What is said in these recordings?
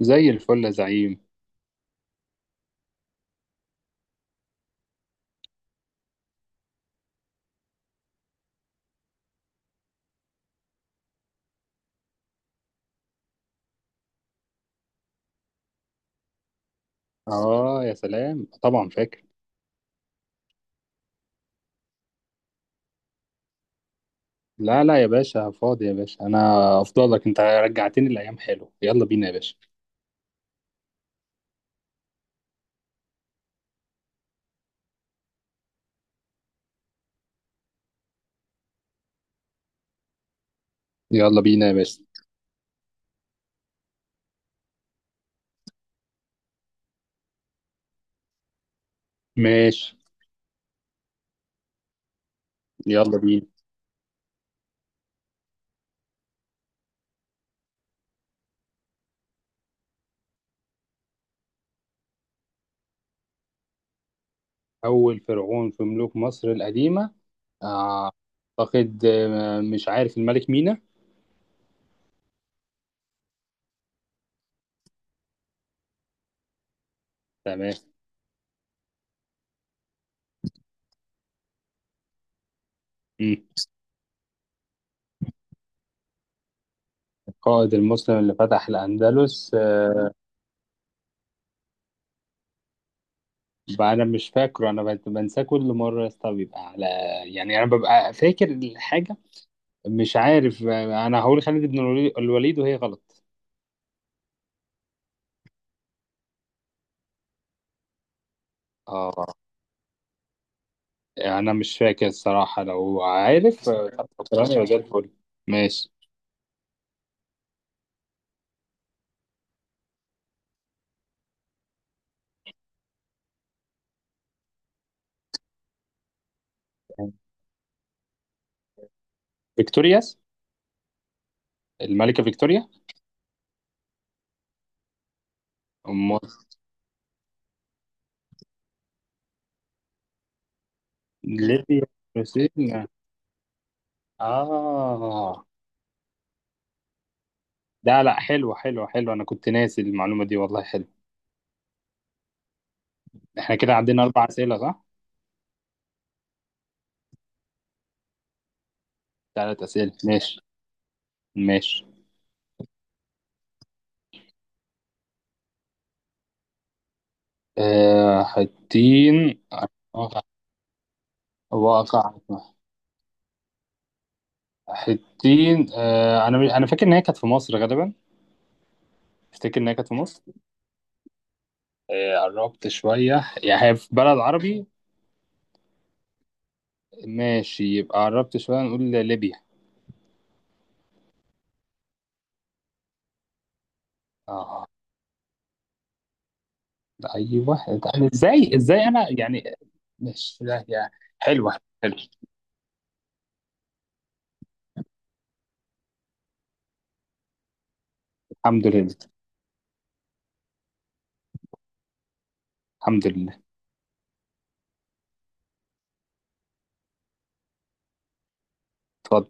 زي الفل يا زعيم. اه يا سلام، طبعا فاكر. لا يا باشا، فاضي يا باشا، انا افضلك، انت رجعتني الايام، حلو، يلا بينا يا باشا. يلا بينا يا باشا. ماشي، يلا بينا. اول فرعون في ملوك مصر القديمه؟ آه، اعتقد، مش عارف، الملك مينا. تمام. مم. القائد المسلم اللي فتح الاندلس. بقى انا مش فاكره، انا بنساه كل مره يا اسطى، بيبقى على، يعني انا ببقى فاكر الحاجه، مش عارف. انا هقول خالد بن الوليد، وهي غلط. اه انا مش فاكر الصراحه، لو عارف طب فكرني يبقى زي الفل. ماشي. فيكتورياس، الملكه فيكتوريا. ام ليبيا، مسينا، اه. لا لا، حلو حلو حلو، انا كنت ناسي المعلومه دي والله، حلو. احنا كده عندنا اربع اسئله، صح؟ ثلاث اسئله، ماشي. ماشي. آه، حتين. واقع واقع. حتين، انا فاكر ان هي كانت في مصر غالبا. تفتكر إن هي كانت في مصر؟ قربت شوية، يعني هي في بلد عربي. ماشي، يبقى قربت شوية، نقول ليبيا. اه، أيوه. أنا إزاي أنا يعني، مش لا يعني. حلوة حلوة. الحمد لله. الحمد لله. اتفضل.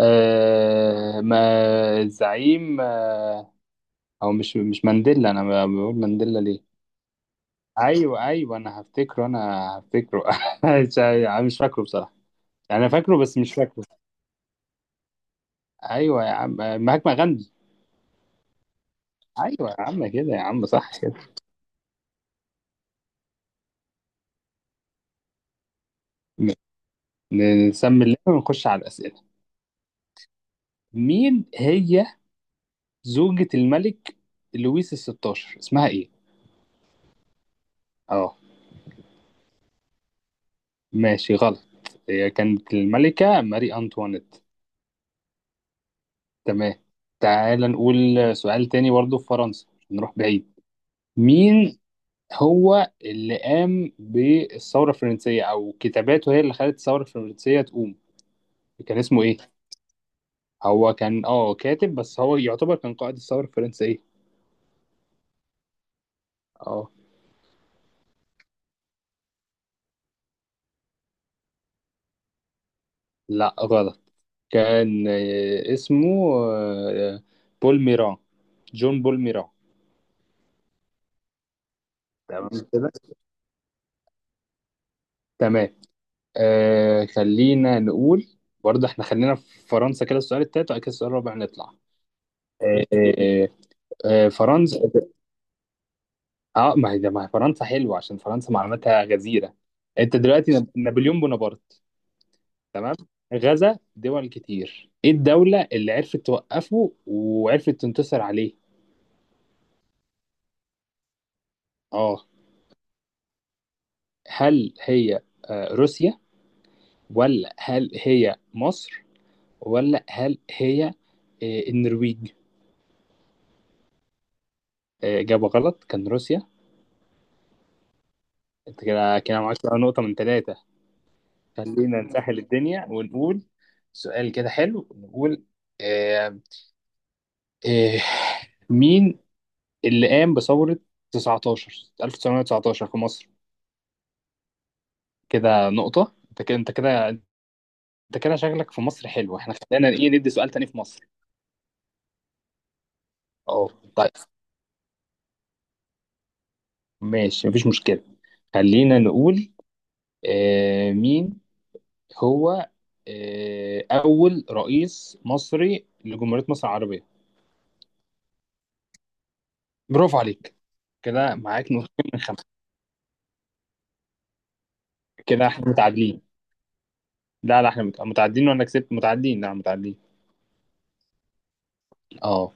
آه ما الزعيم، أو مش مانديلا، أنا بقول مانديلا ليه؟ أيوه أيوه، أنا هفتكره، أنا هفتكره مش فاكره بصراحة، يعني أنا فاكره بس مش فاكره. أيوه يا عم، مهاتما غاندي. ايوه يا عم، كده يا عم، صح كده. ن- نسمي اللعبه ونخش على الاسئله. مين هي زوجة الملك لويس الستاشر، اسمها ايه؟ اه. ماشي غلط، هي كانت الملكة ماري انطوانيت. تمام. تعال نقول سؤال تاني برضو في فرنسا، نروح بعيد. مين هو اللي قام بالثورة الفرنسية، او كتاباته هي اللي خلت الثورة الفرنسية تقوم، كان اسمه ايه؟ هو كان كاتب، بس هو يعتبر كان قائد الثورة الفرنسية. اه. لا غلط، كان، اسمه، بول ميران، جون بول ميران. تمام كده. تمام. خلينا نقول، برضه احنا خلينا في فرنسا كده، السؤال التالت وبعد كده السؤال الرابع نطلع. آه آه آه فرنسا، اه ما هي فرنسا حلوه، عشان فرنسا معلوماتها غزيره. انت دلوقتي نابليون بونابرت، تمام، غزا دول كتير، ايه الدوله اللي عرفت توقفه وعرفت تنتصر عليه؟ اه. هل هي، روسيا، ولا هل هي مصر، ولا هل هي النرويج؟ إجابة غلط، كان روسيا. انت كده، كده معاك بقى نقطة من ثلاثة. خلينا نسهل الدنيا، ونقول سؤال كده حلو، نقول إيه، إيه، مين اللي قام بثورة 19 1919 في مصر؟ كده نقطة، انت كده، انت كده شغلك في مصر حلو، احنا خلينا ايه، ندي سؤال تاني في مصر. اه. طيب. ماشي، مفيش مشكلة. خلينا نقول، مين هو، أول رئيس مصري لجمهورية مصر العربية؟ برافو عليك، كده معاك نقطتين من خمسة. كده احنا متعادلين. لا لا، احنا متعادلين، وأنا كسبت، متعادلين، لا متعادلين. اه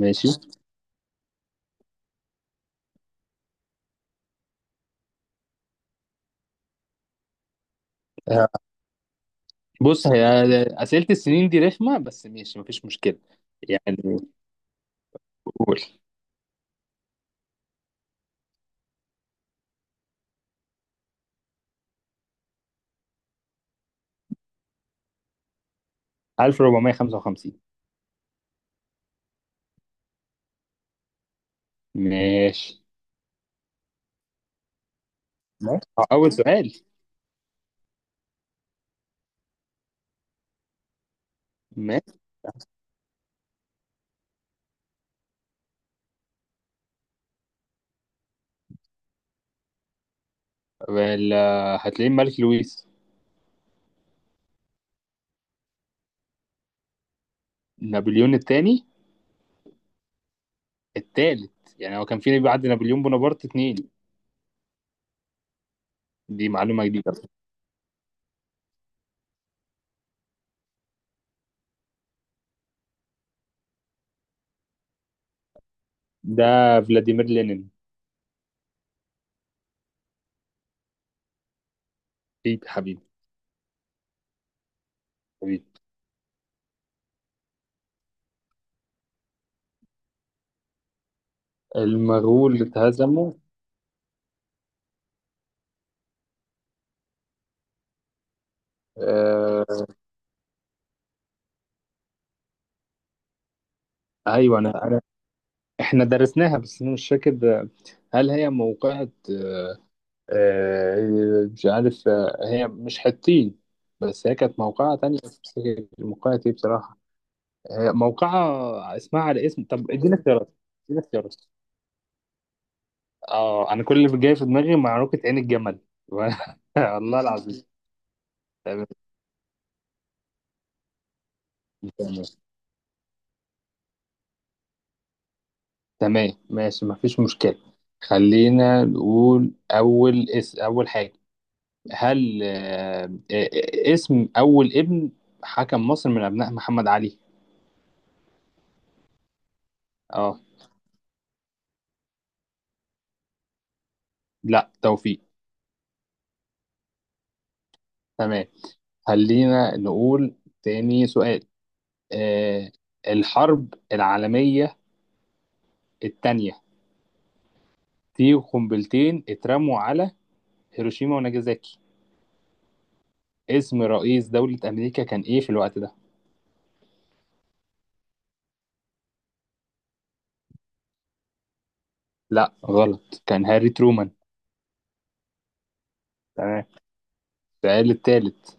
ماشي. آه، بص هي أسئلة السنين دي رخمة، بس ماشي مفيش مشكلة، يعني قول. 1455. ماشي. ماشي. أول سؤال. ماشي. وال- هتلاقيه الملك لويس. نابليون الثاني، الثالث، يعني هو كان في بعد نابليون بونابرت اتنين. دي معلومة جديدة. ده فلاديمير لينين. حبيبي حبيبي حبيبي. المغول اللي اتهزموا؟ آه. ايوه انا، احنا درسناها بس انا مش فاكر، هل هي موقعة مش عارف، هي مش حطين، بس هي كانت موقعة تانية، بس مش فاكر موقعة ايه بصراحة. هي موقعة اسمها على اسم، طب اديني اختيارات. اديني اختيارات. اه، انا كل اللي جاي في دماغي معركة عين الجمل والله العظيم. تمام. تمام ماشي مفيش مشكلة. خلينا نقول أول اسم، أول حاجة، هل اسم أول ابن حكم مصر من أبناء محمد علي؟ اه. لا، توفيق. تمام، خلينا نقول تاني سؤال. آه، الحرب العالمية التانية، في قنبلتين اترموا على هيروشيما وناجازاكي، اسم رئيس دولة أمريكا كان إيه في الوقت ده؟ لا غلط، كان هاري ترومان. تمام، السؤال التالت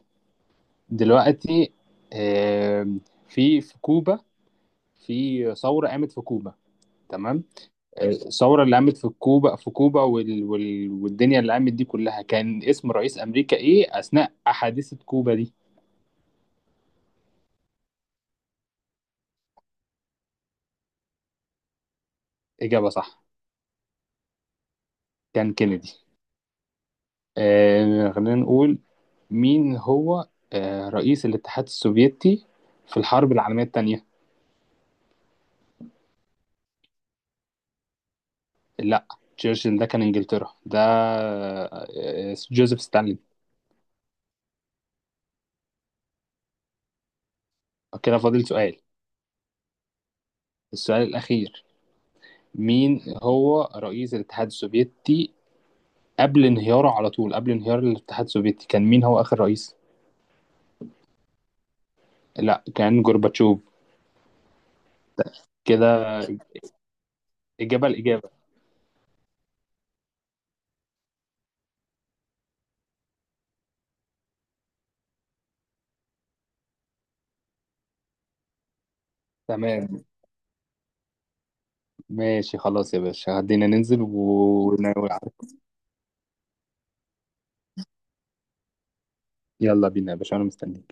دلوقتي. آم، في كوبا، في ثورة قامت في كوبا، تمام، الثورة اللي قامت في كوبا في كوبا، والدنيا اللي قامت دي كلها، كان اسم رئيس أمريكا إيه أثناء حادثة كوبا دي؟ إجابة صح، كان كينيدي. خلينا نقول مين هو رئيس الاتحاد السوفيتي في الحرب العالمية التانية؟ لا، تشرشل ده كان إنجلترا، ده جوزيف ستالين. كده فاضل سؤال، السؤال الأخير. مين هو رئيس الاتحاد السوفيتي قبل انهياره، على طول قبل انهيار الاتحاد السوفيتي، كان مين هو آخر رئيس؟ لا كان جورباتشوف. كده إجابة الإجابة. تمام ماشي، خلاص يا باشا، هدينا ننزل و... ون- يلا بينا يا باشا، أنا مستني